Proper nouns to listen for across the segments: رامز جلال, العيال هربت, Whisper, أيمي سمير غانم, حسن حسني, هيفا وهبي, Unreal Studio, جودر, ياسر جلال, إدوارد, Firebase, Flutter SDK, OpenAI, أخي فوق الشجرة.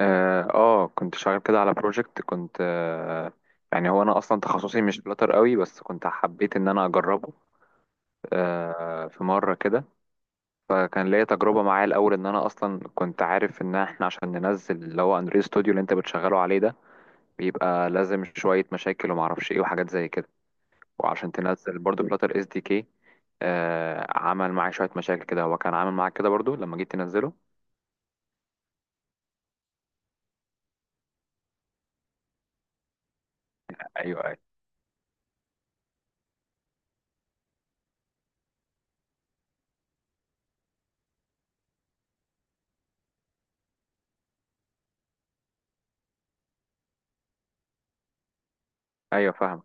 اه كنت شغال كده على بروجكت كنت آه يعني هو انا اصلا تخصصي مش فلاتر قوي، بس كنت حبيت ان انا اجربه. في مره كده، فكان ليا تجربه معاه. الاول ان انا اصلا كنت عارف ان احنا عشان ننزل اللي هو انريل ستوديو اللي انت بتشغله عليه ده، بيبقى لازم شويه مشاكل ومعرفش ايه وحاجات زي كده، وعشان تنزل برضو فلاتر اس دي كي، عمل معايا شويه مشاكل كده. هو كان عامل معاك كده برضو لما جيت تنزله؟ ايوه، ايوه، ايوه، فاهم،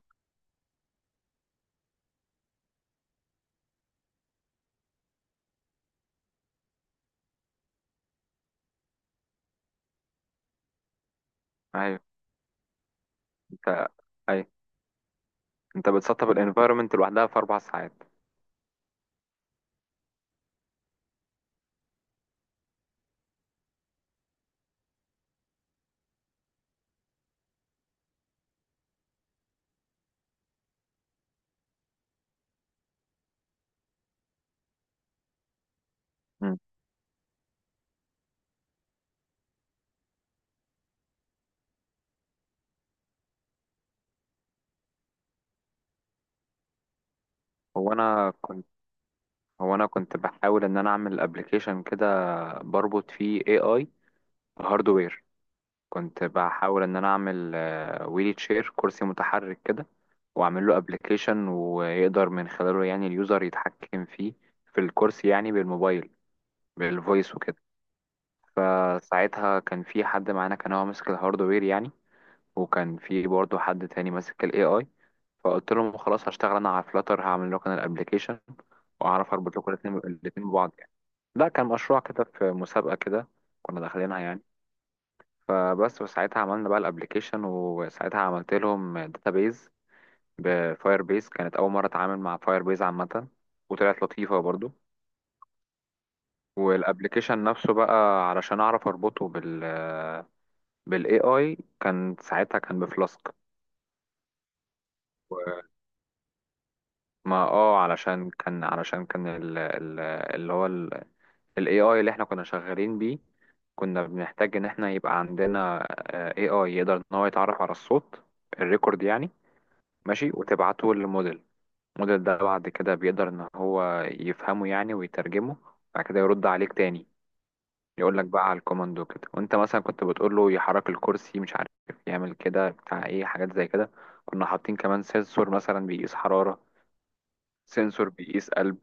ايوه. انت ايوه انت بتسطب الانفايرمنت لوحدها في 4 ساعات. مم. هو انا كنت هو انا كنت بحاول ان انا اعمل ابلكيشن كده بربط فيه اي اي هاردوير. كنت بحاول ان انا اعمل ويلي تشير، كرسي متحرك كده، واعمل له ابلكيشن ويقدر من خلاله يعني اليوزر يتحكم فيه، في الكرسي، يعني بالموبايل بالفويس وكده. فساعتها كان في حد معانا كان هو ماسك الهاردوير يعني، وكان في برضه حد تاني ماسك الاي اي. فقلت لهم خلاص هشتغل انا على فلاتر، هعمل لكم انا الابلكيشن واعرف اربط لكم الاثنين ببعض يعني. لا، كان مشروع كده في مسابقه كده كنا داخلينها يعني. فبس، وساعتها عملنا بقى الابلكيشن، وساعتها عملت لهم داتابيز بفاير بيز. كانت اول مره اتعامل مع فاير بيز عامه، وطلعت لطيفه برضو. والابلكيشن نفسه بقى، علشان اعرف اربطه بالاي اي، كان ساعتها كان بفلاسك. ما اه علشان كان اللي هو ال AI اللي احنا كنا شغالين بيه، كنا بنحتاج ان احنا يبقى عندنا AI يقدر ان هو يتعرف على الصوت الريكورد يعني، ماشي، وتبعته للموديل. الموديل ده بعد كده بيقدر ان هو يفهمه يعني ويترجمه، بعد كده يرد عليك تاني، يقول لك بقى على الكوماند وكده. وانت مثلا كنت بتقول له يحرك الكرسي، مش عارف يعمل كده بتاع ايه، حاجات زي كده. كنا حاطين كمان سنسور مثلا بيقيس حرارة، سنسور بيقيس قلب.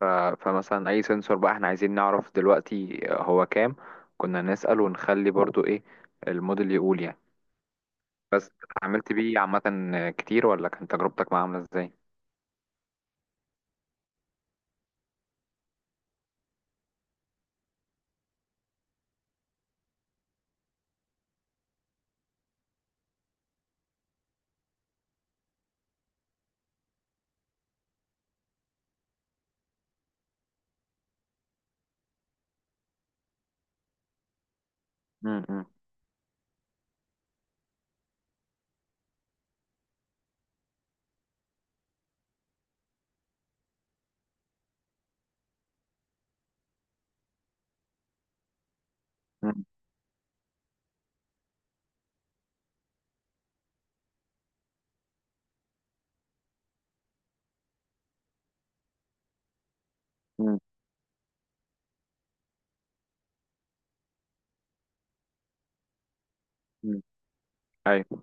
ف- فمثلا اي سنسور بقى احنا عايزين نعرف دلوقتي هو كام، كنا نسأل، ونخلي برضو ايه الموديل يقول يعني. بس، اتعاملت بيه عامة كتير، ولا كانت تجربتك معاه عاملة ازاي؟ مم، مم، مم، مم، مم. ايوه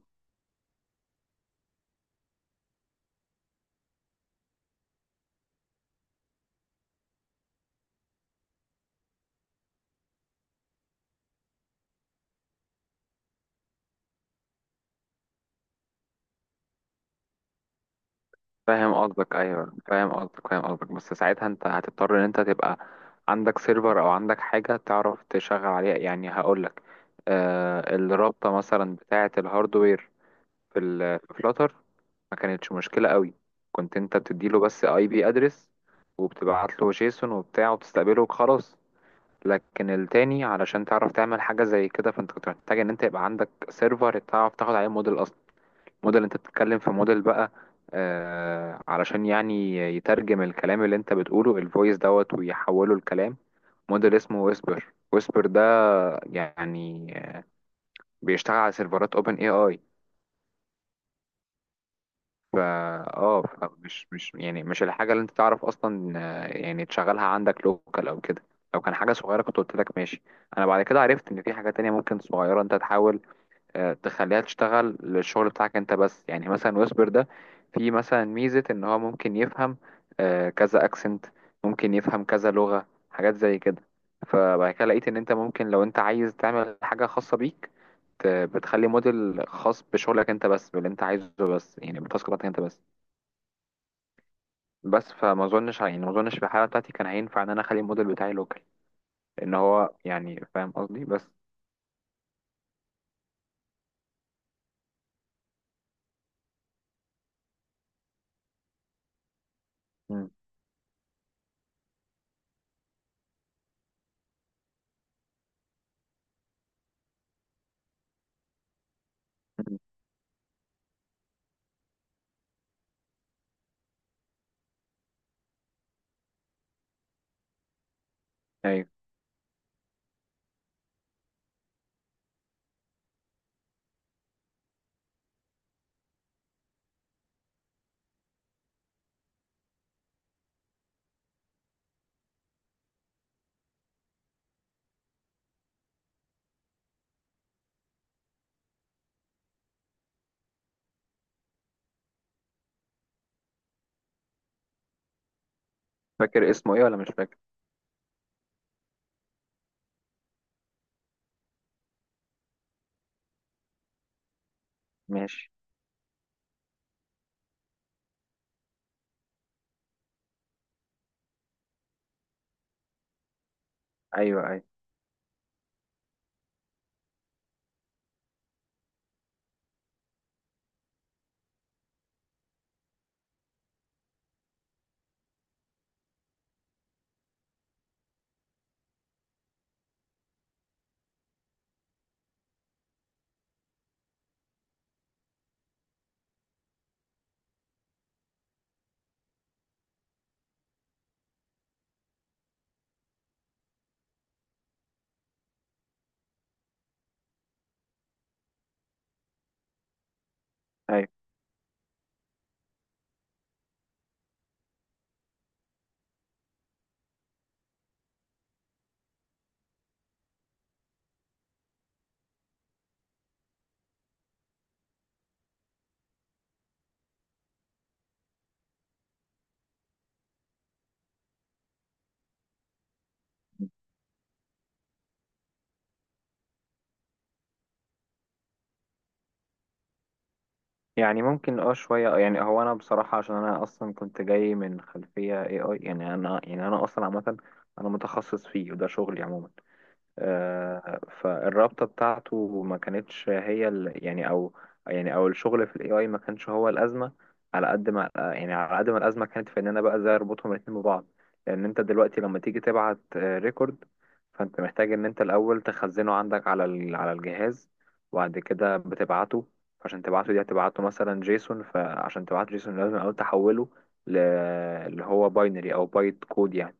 ايوه فاهم قصدك فاهم قصدك. بس ساعتها انت هتضطر ان انت تبقى عندك سيرفر، او عندك حاجة تعرف تشغل عليها، يعني هقولك الرابطة مثلا بتاعة الهاردوير في فلاتر ما كانتش مشكلة قوي. كنت انت بتديله بس اي بي ادرس، وبتبعت له جيسون وبتاع وبتستقبله وخلاص. لكن التاني، علشان تعرف تعمل حاجة زي كده، فانت كنت محتاج ان انت يبقى عندك سيرفر تعرف تاخد عليه موديل اصلا. موديل، انت بتتكلم في موديل بقى، علشان يعني يترجم الكلام اللي انت بتقوله، الفويس دوت، ويحوله لكلام. موديل اسمه ويسبر ده يعني بيشتغل على سيرفرات اوبن اي اي. فا اه فمش مش يعني مش الحاجة اللي انت تعرف اصلا، يعني تشغلها عندك لوكال او كده. لو كان حاجة صغيرة كنت قلت لك ماشي. انا بعد كده عرفت ان في حاجة تانية ممكن صغيرة انت تحاول تخليها تشتغل للشغل بتاعك انت بس. يعني مثلا ويسبر ده في مثلا ميزة ان هو ممكن يفهم كذا اكسنت، ممكن يفهم كذا لغة، حاجات زي كده. فبعد كده لقيت ان انت ممكن لو انت عايز تعمل حاجة خاصة بيك، بتخلي موديل خاص بشغلك انت بس، باللي انت عايزه بس، يعني بالتاسك بتاعتك انت بس. بس فما اظنش يعني ما اظنش في الحاله بتاعتي كان هينفع ان انا اخلي الموديل بتاعي لوكال، لان هو يعني فاهم قصدي بس. مم. مم. ايوه، فاكر اسمه ايه ولا مش فاكر؟ ماشي. ايوه، ايوه، ايوه. يعني ممكن شويه. يعني هو انا بصراحه عشان انا اصلا كنت جاي من خلفيه اي اي، يعني انا اصلا عامه، انا متخصص فيه وده شغلي عموما. فالرابطة بتاعته ما كانتش هي يعني او الشغل في الاي اي ما كانش هو الازمة. على قد ما الازمة كانت في ان انا بقى ازاي اربطهم الاتنين ببعض. لان انت دلوقتي لما تيجي تبعت ريكورد، فانت محتاج ان انت الاول تخزنه عندك على الجهاز، وبعد كده بتبعته. عشان تبعته، دي هتبعته مثلا جيسون، فعشان تبعته جيسون لازم الاول تحوله ل... اللي هو باينري او بايت كود يعني.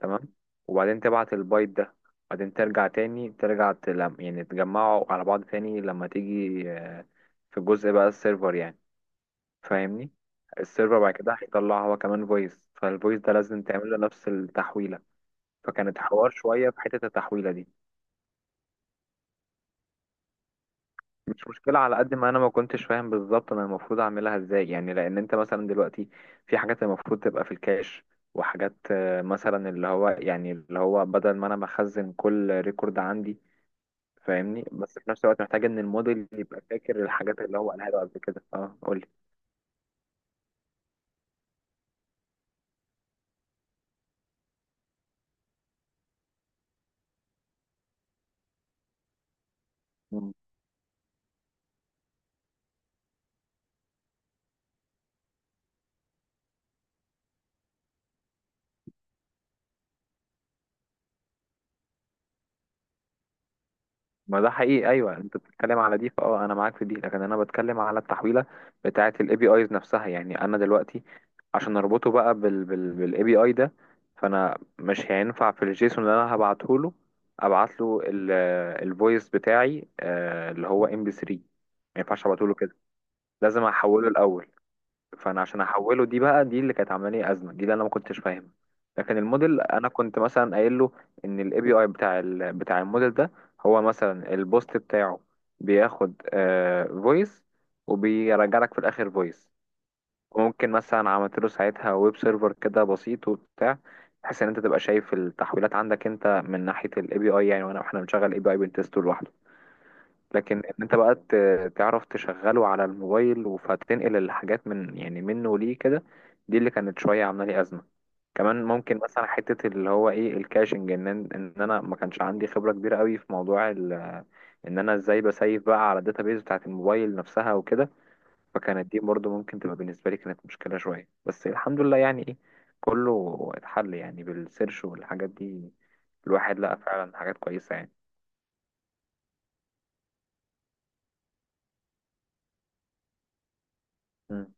تمام. وبعدين تبعت البايت ده، بعدين ترجع تاني، ترجع تلم، يعني تجمعه على بعض تاني لما تيجي، في جزء بقى السيرفر يعني، فاهمني؟ السيرفر بعد كده هيطلع هو كمان فويس، فالفويس ده لازم تعمل له نفس التحويلة. فكانت حوار شوية في حتة التحويلة دي. مش مشكلة، على قد ما أنا ما كنتش فاهم بالظبط أنا المفروض أعملها إزاي، يعني لأن أنت مثلا دلوقتي في حاجات المفروض تبقى في الكاش، وحاجات مثلا اللي هو بدل ما أنا بخزن كل ريكورد عندي، فاهمني؟ بس في نفس الوقت محتاج ان الموديل يبقى فاكر الحاجات اللي هو قالها له قبل كده. اه قول لي. مم. ما ده حقيقي، ايوه، انت بتتكلم على دي. انا معاك في دي، لكن انا بتكلم على التحويله بتاعه الاي بي ايز نفسها، يعني انا دلوقتي عشان اربطه بقى بالاي بي اي ده، فانا مش هينفع في الجيسون اللي انا هبعته له، ابعت له الفويس بتاعي، اللي هو MP3. ما ينفعش ابعته له كده، لازم احوله الاول. فانا عشان احوله، دي بقى دي اللي كانت عامله لي ازمه، دي اللي انا ما كنتش فاهمها. لكن الموديل انا كنت مثلا قايل له ان الاي بي اي بتاع الموديل ده، هو مثلا البوست بتاعه بياخد فويس، وبيرجع لك في الاخر فويس. وممكن مثلا عملت له ساعتها ويب سيرفر كده بسيط وبتاع، بحيث ان انت تبقى شايف التحويلات عندك انت من ناحيه الاي بي اي يعني، وانا احنا بنشغل الاي بي اي بنتست لوحده. لكن ان انت بقى تعرف تشغله على الموبايل، فتنقل الحاجات من، يعني منه ليه كده، دي اللي كانت شويه عامله لي ازمه. كمان ممكن مثلا حته اللي هو ايه الكاشنج، ان انا ما كانش عندي خبره كبيره قوي في موضوع ان انا ازاي بسيف بقى على الداتابيز بتاعت الموبايل نفسها وكده. فكانت دي برضو ممكن تبقى بالنسبه لي كانت مشكله شويه، بس الحمد لله يعني، ايه، كله اتحل يعني بالسيرش والحاجات دي. الواحد لقى فعلا حاجات كويسه يعني. مم.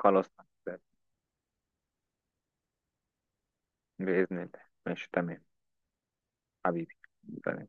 خلاص. بإذن الله. ماشي، تمام. حبيبي، سلام.